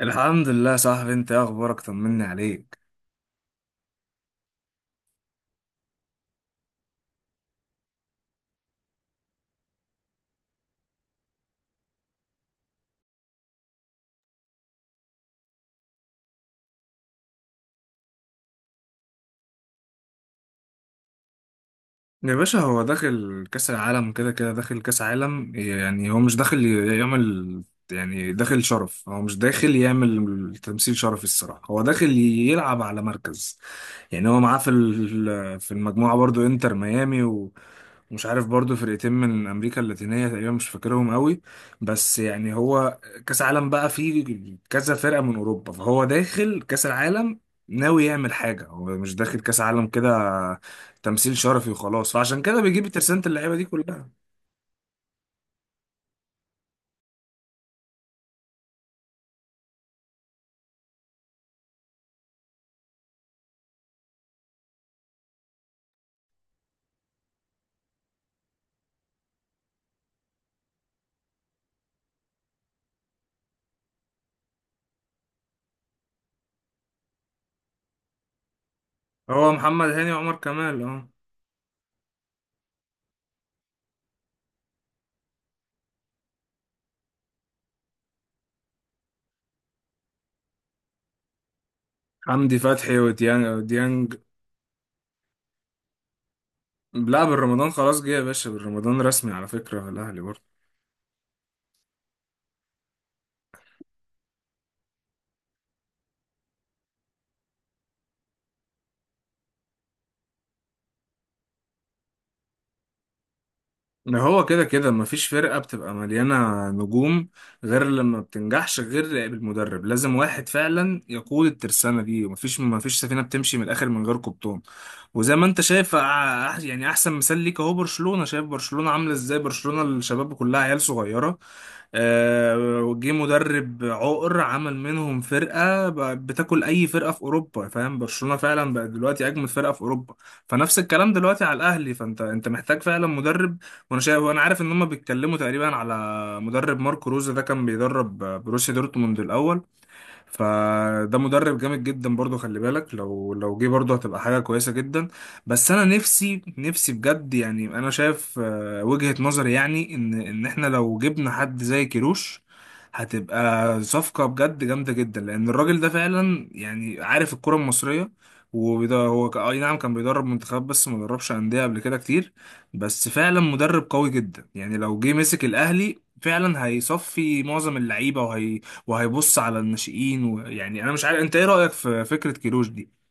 الحمد لله يا صاحبي، انت ايه اخبارك؟ طمني عليك. يا باشا هو داخل كأس العالم، كده كده داخل كأس عالم، يعني هو مش داخل يعمل، يعني داخل شرف، هو مش داخل يعمل تمثيل شرفي الصراحة، هو داخل يلعب على مركز. يعني هو معاه في المجموعة برضو انتر ميامي ومش عارف برضو فرقتين من أمريكا اللاتينية تقريبا، مش فاكرهم قوي. بس يعني هو كأس عالم بقى فيه كذا فرقة من أوروبا، فهو داخل كأس العالم ناوي يعمل حاجة، هو مش داخل كأس عالم كده تمثيل شرفي وخلاص، فعشان كده بيجيب ترسانة اللعيبة دي كلها. هو محمد هاني وعمر كمال، اه. حمدي فتحي وديانج وديانج. لا، بالرمضان خلاص جه يا باشا، بالرمضان رسمي على فكرة الأهلي برضه. إن هو كده كده مفيش فرقة بتبقى مليانة نجوم غير لما بتنجحش غير بالمدرب، لازم واحد فعلا يقود الترسانة دي، مفيش سفينة بتمشي من الآخر من غير قبطان. وزي ما انت شايف يعني أحسن مثال ليك أهو برشلونة، شايف برشلونة عاملة ازاي؟ برشلونة الشباب كلها عيال صغيرة، جه مدرب عقر عمل منهم فرقة بتاكل أي فرقة في أوروبا، فاهم؟ برشلونة فعلا بقى دلوقتي أجمل فرقة في أوروبا، فنفس الكلام دلوقتي على الأهلي، فأنت محتاج فعلا مدرب. وانا شايف وانا عارف ان هم بيتكلموا تقريبا على مدرب ماركو روزا، ده كان بيدرب بروسيا دورتموند الاول، فده مدرب جامد جدا برضو، خلي بالك لو جه برضو هتبقى حاجة كويسة جدا. بس انا نفسي بجد، يعني انا شايف وجهة نظري يعني ان احنا لو جبنا حد زي كيروش هتبقى صفقة بجد جامدة جدا، لان الراجل ده فعلا يعني عارف الكرة المصرية. وده هو اي نعم كان بيدرب منتخبات بس ما دربش أندية قبل كده كتير، بس فعلا مدرب قوي جدا، يعني لو جه مسك الأهلي فعلا هيصفي معظم اللعيبة وهيبص على الناشئين. ويعني انا مش عارف انت ايه رأيك في فكرة كيروش دي؟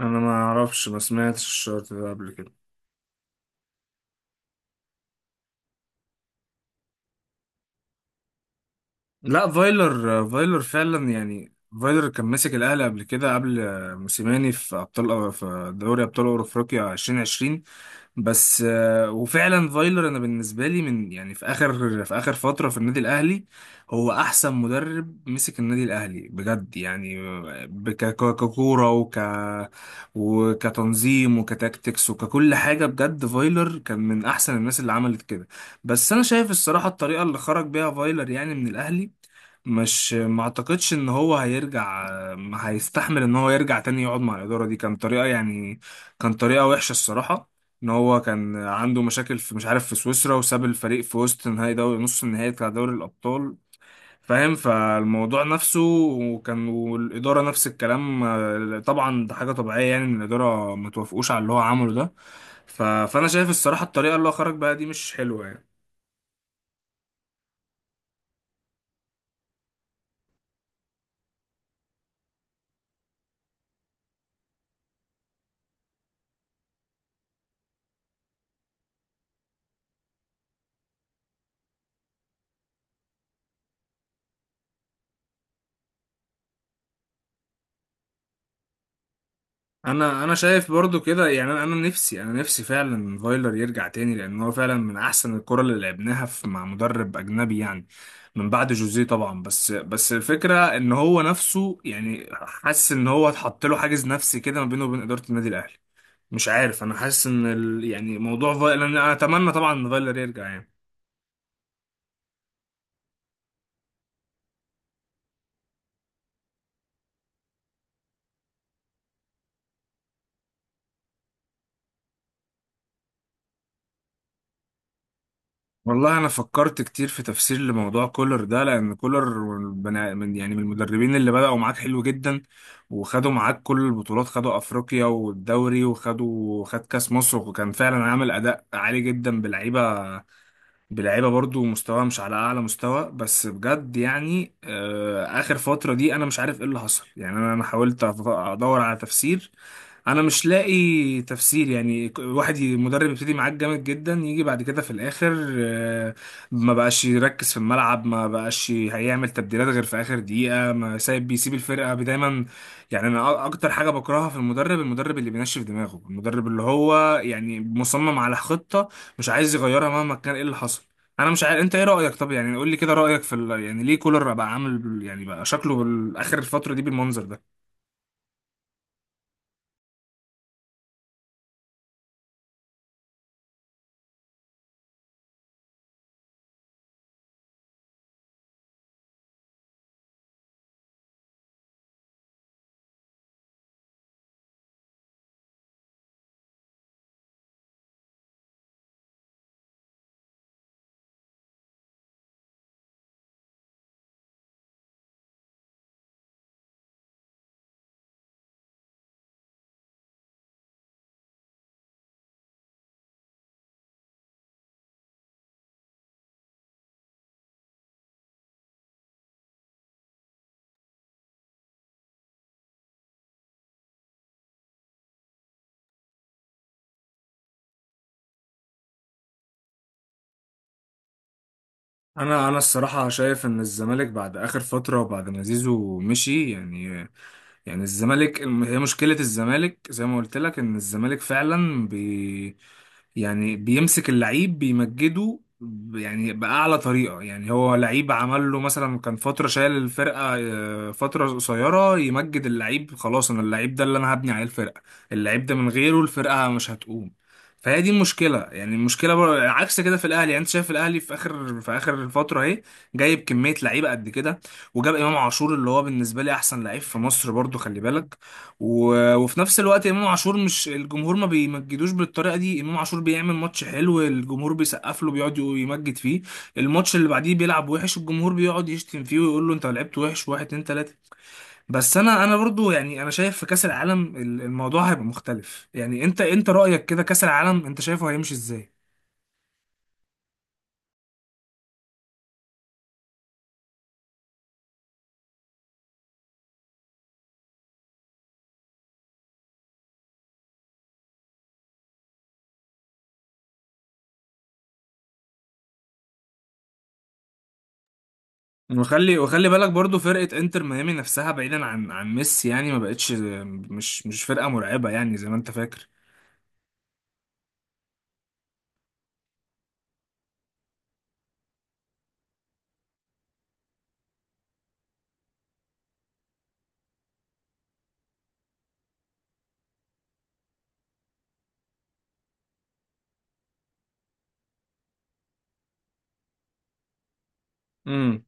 انا ما اعرفش، ما سمعتش الشرط ده قبل كده. لا، فايلر فعلا يعني، فايلر كان ماسك الاهلي قبل كده، قبل موسيماني، في ابطال، في دوري ابطال افريقيا 2020. بس وفعلا فايلر انا بالنسبه لي من، يعني في اخر في اخر فتره في النادي الاهلي هو احسن مدرب مسك النادي الاهلي بجد يعني. ككوره وكتنظيم وكتاكتكس وككل حاجه، بجد فايلر كان من احسن الناس اللي عملت كده. بس انا شايف الصراحه الطريقه اللي خرج بيها فايلر يعني من الاهلي، مش ما اعتقدش ان هو هيرجع، ما هيستحمل ان هو يرجع تاني يقعد مع الاداره دي. كان طريقه يعني، كان طريقه وحشه الصراحه، ان هو كان عنده مشاكل في، مش عارف، في سويسرا، وساب الفريق في وسط نهائي دوري، نص النهائي بتاع دوري الابطال، فاهم؟ فالموضوع نفسه وكان والاداره نفس الكلام، طبعا ده حاجه طبيعيه يعني ان الاداره ما توافقوش على اللي هو عمله ده. فانا شايف الصراحه الطريقه اللي هو خرج بقى دي مش حلوه يعني. انا شايف برضو كده، يعني انا نفسي، انا نفسي فعلا فايلر يرجع تاني، لان هو فعلا من احسن الكرة اللي لعبناها في، مع مدرب اجنبي يعني، من بعد جوزيه طبعا. بس الفكرة ان هو نفسه يعني حاسس ان هو اتحط له حاجز نفسي كده ما بينه وبين ادارة النادي الاهلي. مش عارف، انا حاسس ان ال، يعني موضوع فايلر انا اتمنى طبعا ان فايلر يرجع يعني. والله انا فكرت كتير في تفسير لموضوع كولر ده، لان كولر يعني من المدربين اللي بدأوا معاك حلو جدا، وخدوا معاك كل البطولات، خدوا افريقيا والدوري وخدوا، خد كاس مصر، وكان فعلا عامل اداء عالي جدا بلعيبه، بلعيبه برضو مستواها مش على اعلى مستوى. بس بجد يعني، اخر فتره دي انا مش عارف ايه اللي حصل يعني. انا حاولت ادور على تفسير، انا مش لاقي تفسير. يعني مدرب يبتدي معاك جامد جدا، يجي بعد كده في الاخر ما بقاش يركز في الملعب، ما بقاش هيعمل تبديلات غير في اخر دقيقه، ما سايب، بيسيب الفرقه دايما. يعني اكتر حاجه بكرهها في المدرب، المدرب اللي بينشف دماغه، المدرب اللي هو يعني مصمم على خطه مش عايز يغيرها مهما كان ايه اللي حصل. انا مش عارف انت ايه رايك؟ طب يعني قول لي كده رايك يعني ليه كولر بقى عامل يعني بقى شكله اخر الفتره دي بالمنظر ده؟ انا الصراحه شايف ان الزمالك بعد اخر فتره وبعد ما زيزو مشي يعني، يعني الزمالك هي مشكله الزمالك زي ما قلت لك، ان الزمالك فعلا يعني بيمسك اللعيب بيمجده يعني باعلى طريقه، يعني هو لعيب عمل له مثلا، كان فتره شايل الفرقه فتره قصيره، يمجد اللعيب خلاص، انا اللعيب ده اللي انا هبني عليه الفرقه، اللعيب ده من غيره الفرقه مش هتقوم. فهي دي المشكله، يعني المشكله عكس كده في الاهلي. يعني انت شايف الاهلي في اخر في اخر فتره اهي جايب كميه لعيبه قد كده، وجاب امام عاشور اللي هو بالنسبه لي احسن لعيب في مصر برضو، خلي بالك. وفي نفس الوقت امام عاشور مش، الجمهور ما بيمجدوش بالطريقه دي، امام عاشور بيعمل ماتش حلو الجمهور بيسقف له بيقعد يمجد فيه، الماتش اللي بعديه بيلعب وحش الجمهور بيقعد يشتم فيه ويقول له انت لعبت وحش واحد اتنين تلاته. بس انا برضو يعني انا شايف في كاس العالم الموضوع هيبقى مختلف. يعني انت رايك كده كاس العالم انت شايفه هيمشي ازاي؟ وخلي بالك برضو فرقة انتر ميامي نفسها، بعيدا عن عن ميسي يعني ما بقتش، مش فرقة مرعبة يعني زي ما انت فاكر. امم،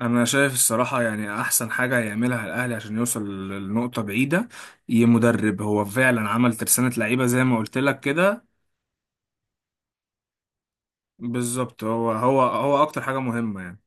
انا شايف الصراحة يعني احسن حاجة هيعملها الاهلي عشان يوصل لنقطة بعيدة ي مدرب، هو فعلا عمل ترسانة لعيبة زي ما قلت لك كده. بالظبط، هو اكتر حاجة مهمة يعني.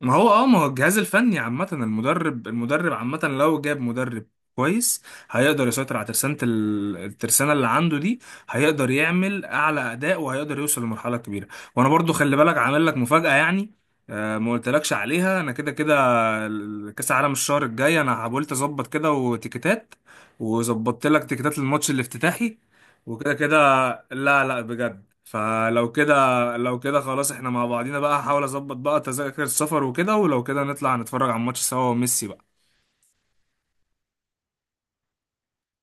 ما هو اه، ما هو الجهاز الفني عامة، المدرب، المدرب عامة لو جاب مدرب كويس هيقدر يسيطر على ترسانة الترسانة اللي عنده دي، هيقدر يعمل أعلى أداء وهيقدر يوصل لمرحلة كبيرة. وأنا برضو خلي بالك عامل لك مفاجأة يعني. آه، ما قلتلكش عليها. أنا كده كده كاس العالم الشهر الجاي انا حاولت اظبط كده وتيكتات، وظبطت لك تيكتات للماتش الافتتاحي وكده كده. لا بجد؟ فلو كده، لو كده خلاص احنا مع بعضينا بقى، هحاول اظبط بقى تذاكر السفر وكده، ولو كده نطلع نتفرج على الماتش سوا وميسي بقى.